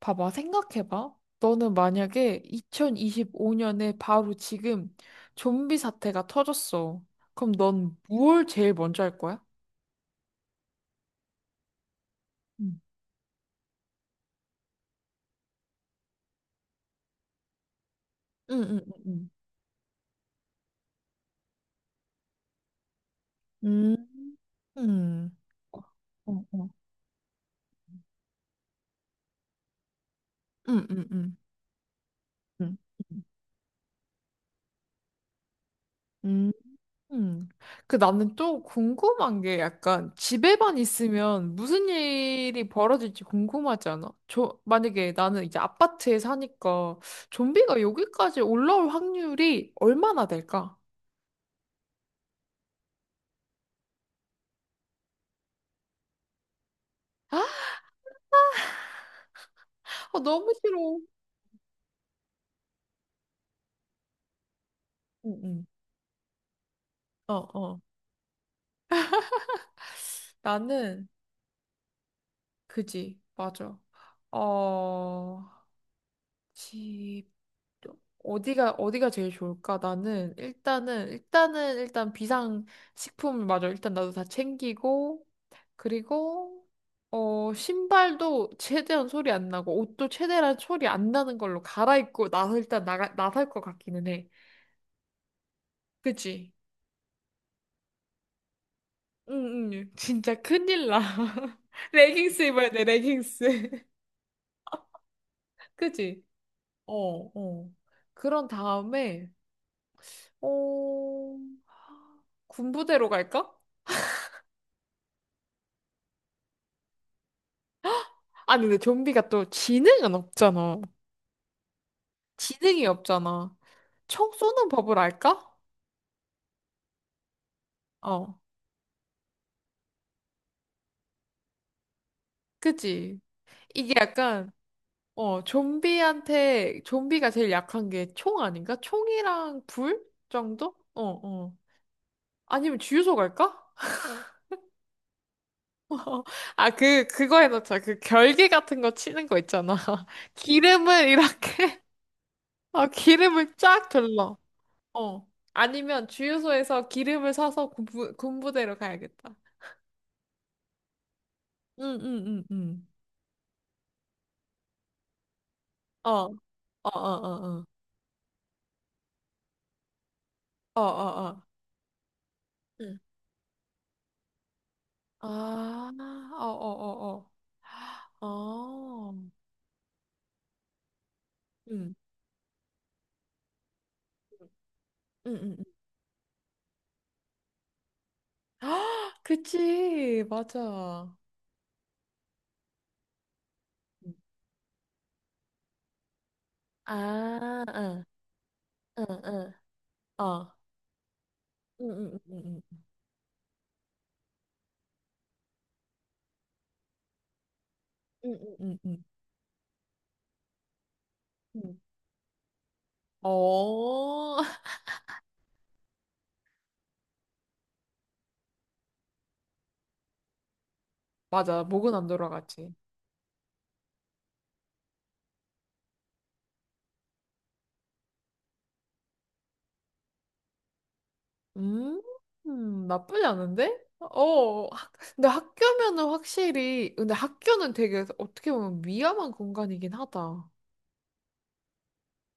봐봐, 생각해봐. 너는 만약에 2025년에 바로 지금 좀비 사태가 터졌어. 그럼 넌 뭘 제일 먼저 할 거야? 응 응, 응, 응, 음, 응. 어, 어, 응, 응, 응. 응 음, 음. 그 나는 또 궁금한 게 약간 집에만 있으면 무슨 일이 벌어질지 궁금하지 않아? 저, 만약에 나는 이제 아파트에 사니까 좀비가 여기까지 올라올 확률이 얼마나 될까? 아, 너무 싫어. 응, 응. 어, 어. 나는, 그지. 맞아. 어, 집, 어디가, 어디가 제일 좋을까? 나는, 일단 비상식품, 맞아. 일단 나도 다 챙기고, 그리고, 어, 신발도 최대한 소리 안 나고, 옷도 최대한 소리 안 나는 걸로 갈아입고, 나서 일단 나설 것 같기는 해. 그지? 응, 응. 진짜 큰일 나. 레깅스 입어야 돼, 레깅스. 그지? 어, 어. 그런 다음에, 어, 군부대로 갈까? 아니, 근데 좀비가 또 지능은 없잖아. 지능이 없잖아. 총 쏘는 법을 알까? 어, 그지? 이게 약간, 어, 좀비가 제일 약한 게 총 아닌가? 총이랑 불 정도? 어, 어. 아니면 주유소 갈까? 아, 그거 해놓자. 그 결계 같은 거 치는 거 있잖아. 기름을 이렇게. 아, 기름을 쫙 둘러. 어. 아니면 주유소에서 기름을 사서 군부대로 가야겠다. 응, 응, 응, 응. 어, 어, 어, 어, 어, 어, 어, 어. 응, 아, 어, 어, 어, 어. 어. 응, 응, 응. 응. 아, 그치, 맞아. 응. 아, 응, 응, 응. 어. 응, 응, 응, 응, 응, 응, 응, 응. 응. 어, 맞아. 목은 안 돌아갔지. 음, 나쁘지 않은데? 어, 근데 학교면은 확실히, 근데 학교는 되게 어떻게 보면 위험한 공간이긴 하다.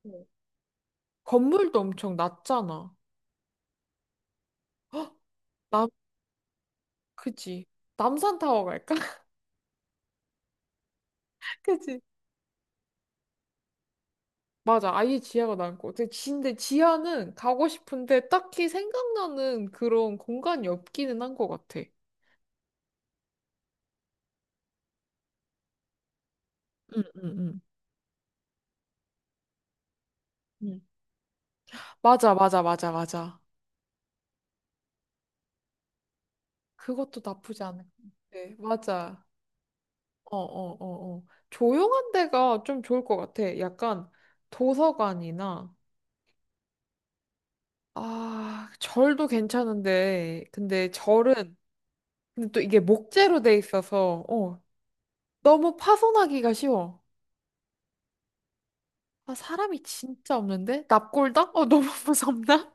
네. 건물도 엄청 낮잖아. 남, 그치. 남산타워 갈까? 그치? 맞아, 아예 지하가 난거 같아. 근데 지하는 가고 싶은데 딱히 생각나는 그런 공간이 없기는 한 것 같아. 응, 응, 응. 응. 맞아, 맞아, 맞아, 맞아. 그것도 나쁘지 않은 것 같아. 맞아. 어, 어, 어, 어. 조용한 데가 좀 좋을 것 같아. 약간 도서관이나, 아, 절도 괜찮은데, 근데 절은, 근데 또 이게 목재로 돼 있어서, 어, 너무 파손하기가 쉬워. 아, 사람이 진짜 없는데? 납골당? 어, 너무 무섭나?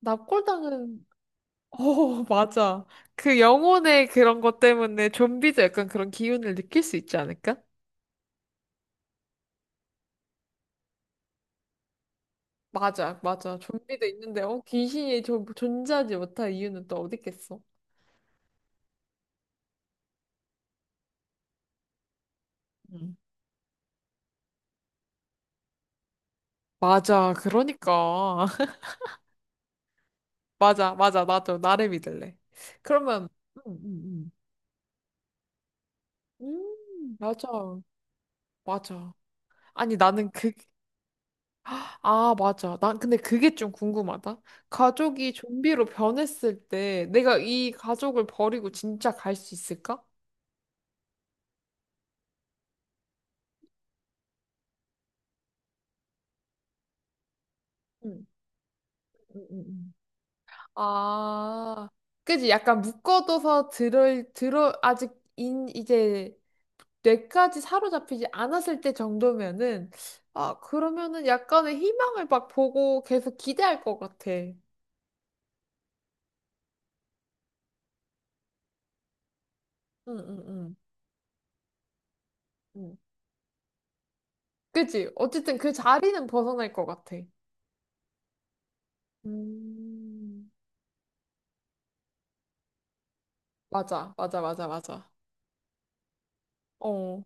납골당은, 어, 맞아. 그 영혼의 그런 것 때문에 좀비도 약간 그런 기운을 느낄 수 있지 않을까? 맞아, 맞아. 좀비도 있는데, 어, 귀신이 좀 존재하지 못할 이유는 또 어디 있겠어? 음. 맞아. 그러니까. 맞아, 맞아. 나도 나를 믿을래. 그러면, 음, 음, 음. 맞아. 맞아. 아니, 나는 그, 아, 맞아. 난 근데 그게 좀 궁금하다. 가족이 좀비로 변했을 때 내가 이 가족을 버리고 진짜 갈 수 있을까? 음, 음, 음, 음. 아, 그지? 약간 묶어둬서 아직 이제 뇌까지 사로잡히지 않았을 때 정도면은, 아, 그러면은 약간의 희망을 막 보고 계속 기대할 것 같아. 응, 응, 응. 응. 그치? 어쨌든 그 자리는 벗어날 것 같아. 음. 맞아, 맞아, 맞아, 맞아. 어.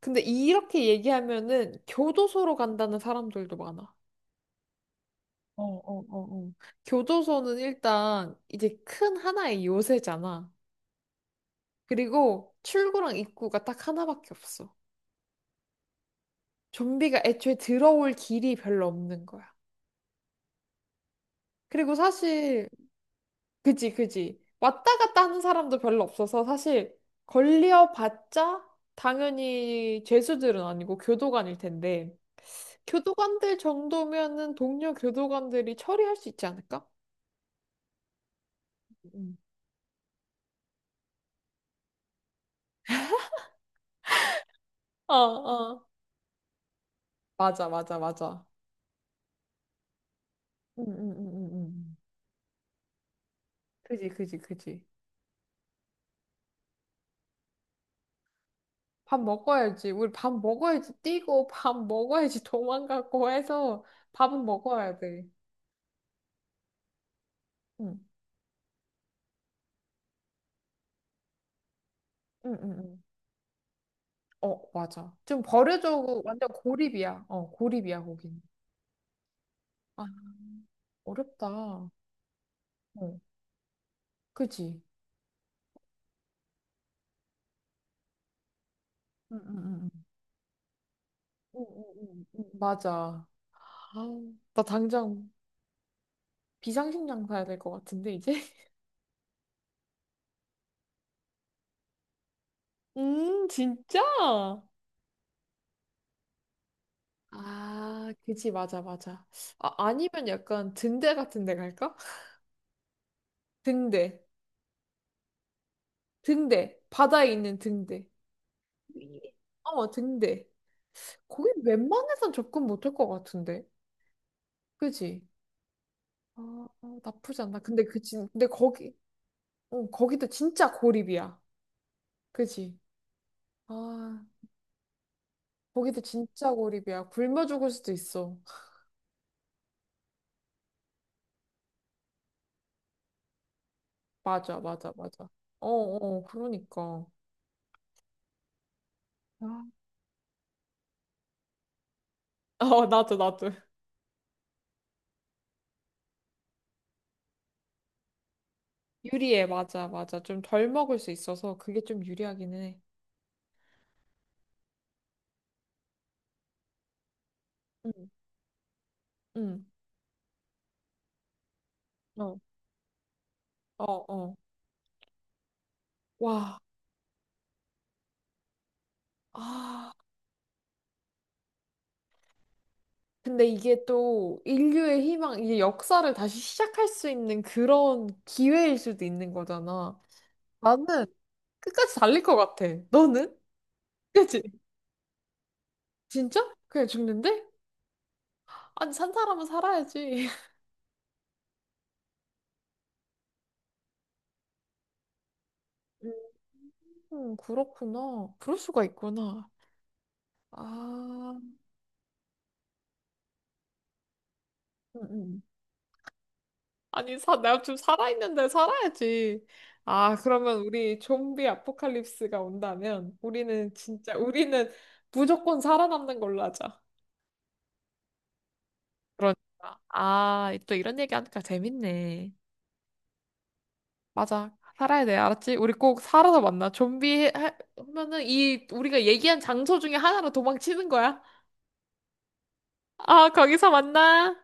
근데 이렇게 얘기하면은 교도소로 간다는 사람들도 많아. 어, 어, 어, 어. 교도소는 일단 이제 큰 하나의 요새잖아. 그리고 출구랑 입구가 딱 하나밖에 없어. 좀비가 애초에 들어올 길이 별로 없는 거야. 그리고 사실, 그지, 그지. 왔다 갔다 하는 사람도 별로 없어서 사실 걸려봤자 당연히 죄수들은 아니고 교도관일 텐데, 교도관들 정도면은 동료 교도관들이 처리할 수 있지 않을까? 음. 어, 어. 맞아, 맞아, 맞아. 응, 응, 응, 응, 응. 그지, 그지, 그지. 밥 먹어야지. 우리 밥 먹어야지 뛰고, 밥 먹어야지 도망가고 해서 밥은 먹어야 돼. 응. 응, 응, 응. 어, 맞아. 좀 버려져고 완전 고립이야. 어, 고립이야, 거긴. 아, 어렵다. 어, 그지? 응, 응, 응. 응. 응, 응, 응, 응. 맞아. 아, 나 당장 비상식량 사야 될 것 같은데, 이제? 진짜? 아, 그지, 맞아, 맞아. 아, 아니면 약간 등대 같은 데 갈까? 등대, 등대, 바다에 있는 등대. 이- 어, 등대. 거긴 웬만해선 접근 못할 것 같은데, 그지? 아, 나쁘지 않다. 근데 거기, 어, 거기도 진짜 고립이야. 그지? 아, 거기도 진짜 고립이야. 굶어 죽을 수도 있어. 맞아, 맞아, 맞아. 어, 어, 그러니까. 아. 어, 나도, 나도. 유리해, 맞아, 맞아. 좀 덜 먹을 수 있어서 그게 좀 유리하기는 해. 응, 응, 어, 어, 어. 와, 아. 근데 이게 또 인류의 희망, 이게 역사를 다시 시작할 수 있는 그런 기회일 수도 있는 거잖아. 나는 끝까지 달릴 것 같아. 너는? 그치? 진짜? 그냥 죽는데? 아니, 산 사람은 살아야지. 음, 그렇구나. 그럴 수가 있구나. 아, 음, 음. 아니, 내가 좀 살아있는데 살아야지. 아, 그러면 우리 좀비 아포칼립스가 온다면 우리는 진짜, 우리는 무조건 살아남는 걸로 하자. 그러니까. 아, 또 이런 얘기하니까 재밌네. 맞아. 살아야 돼. 알았지? 우리 꼭 살아서 만나. 좀비 하면은 이 우리가 얘기한 장소 중에 하나로 도망치는 거야. 아, 거기서 만나.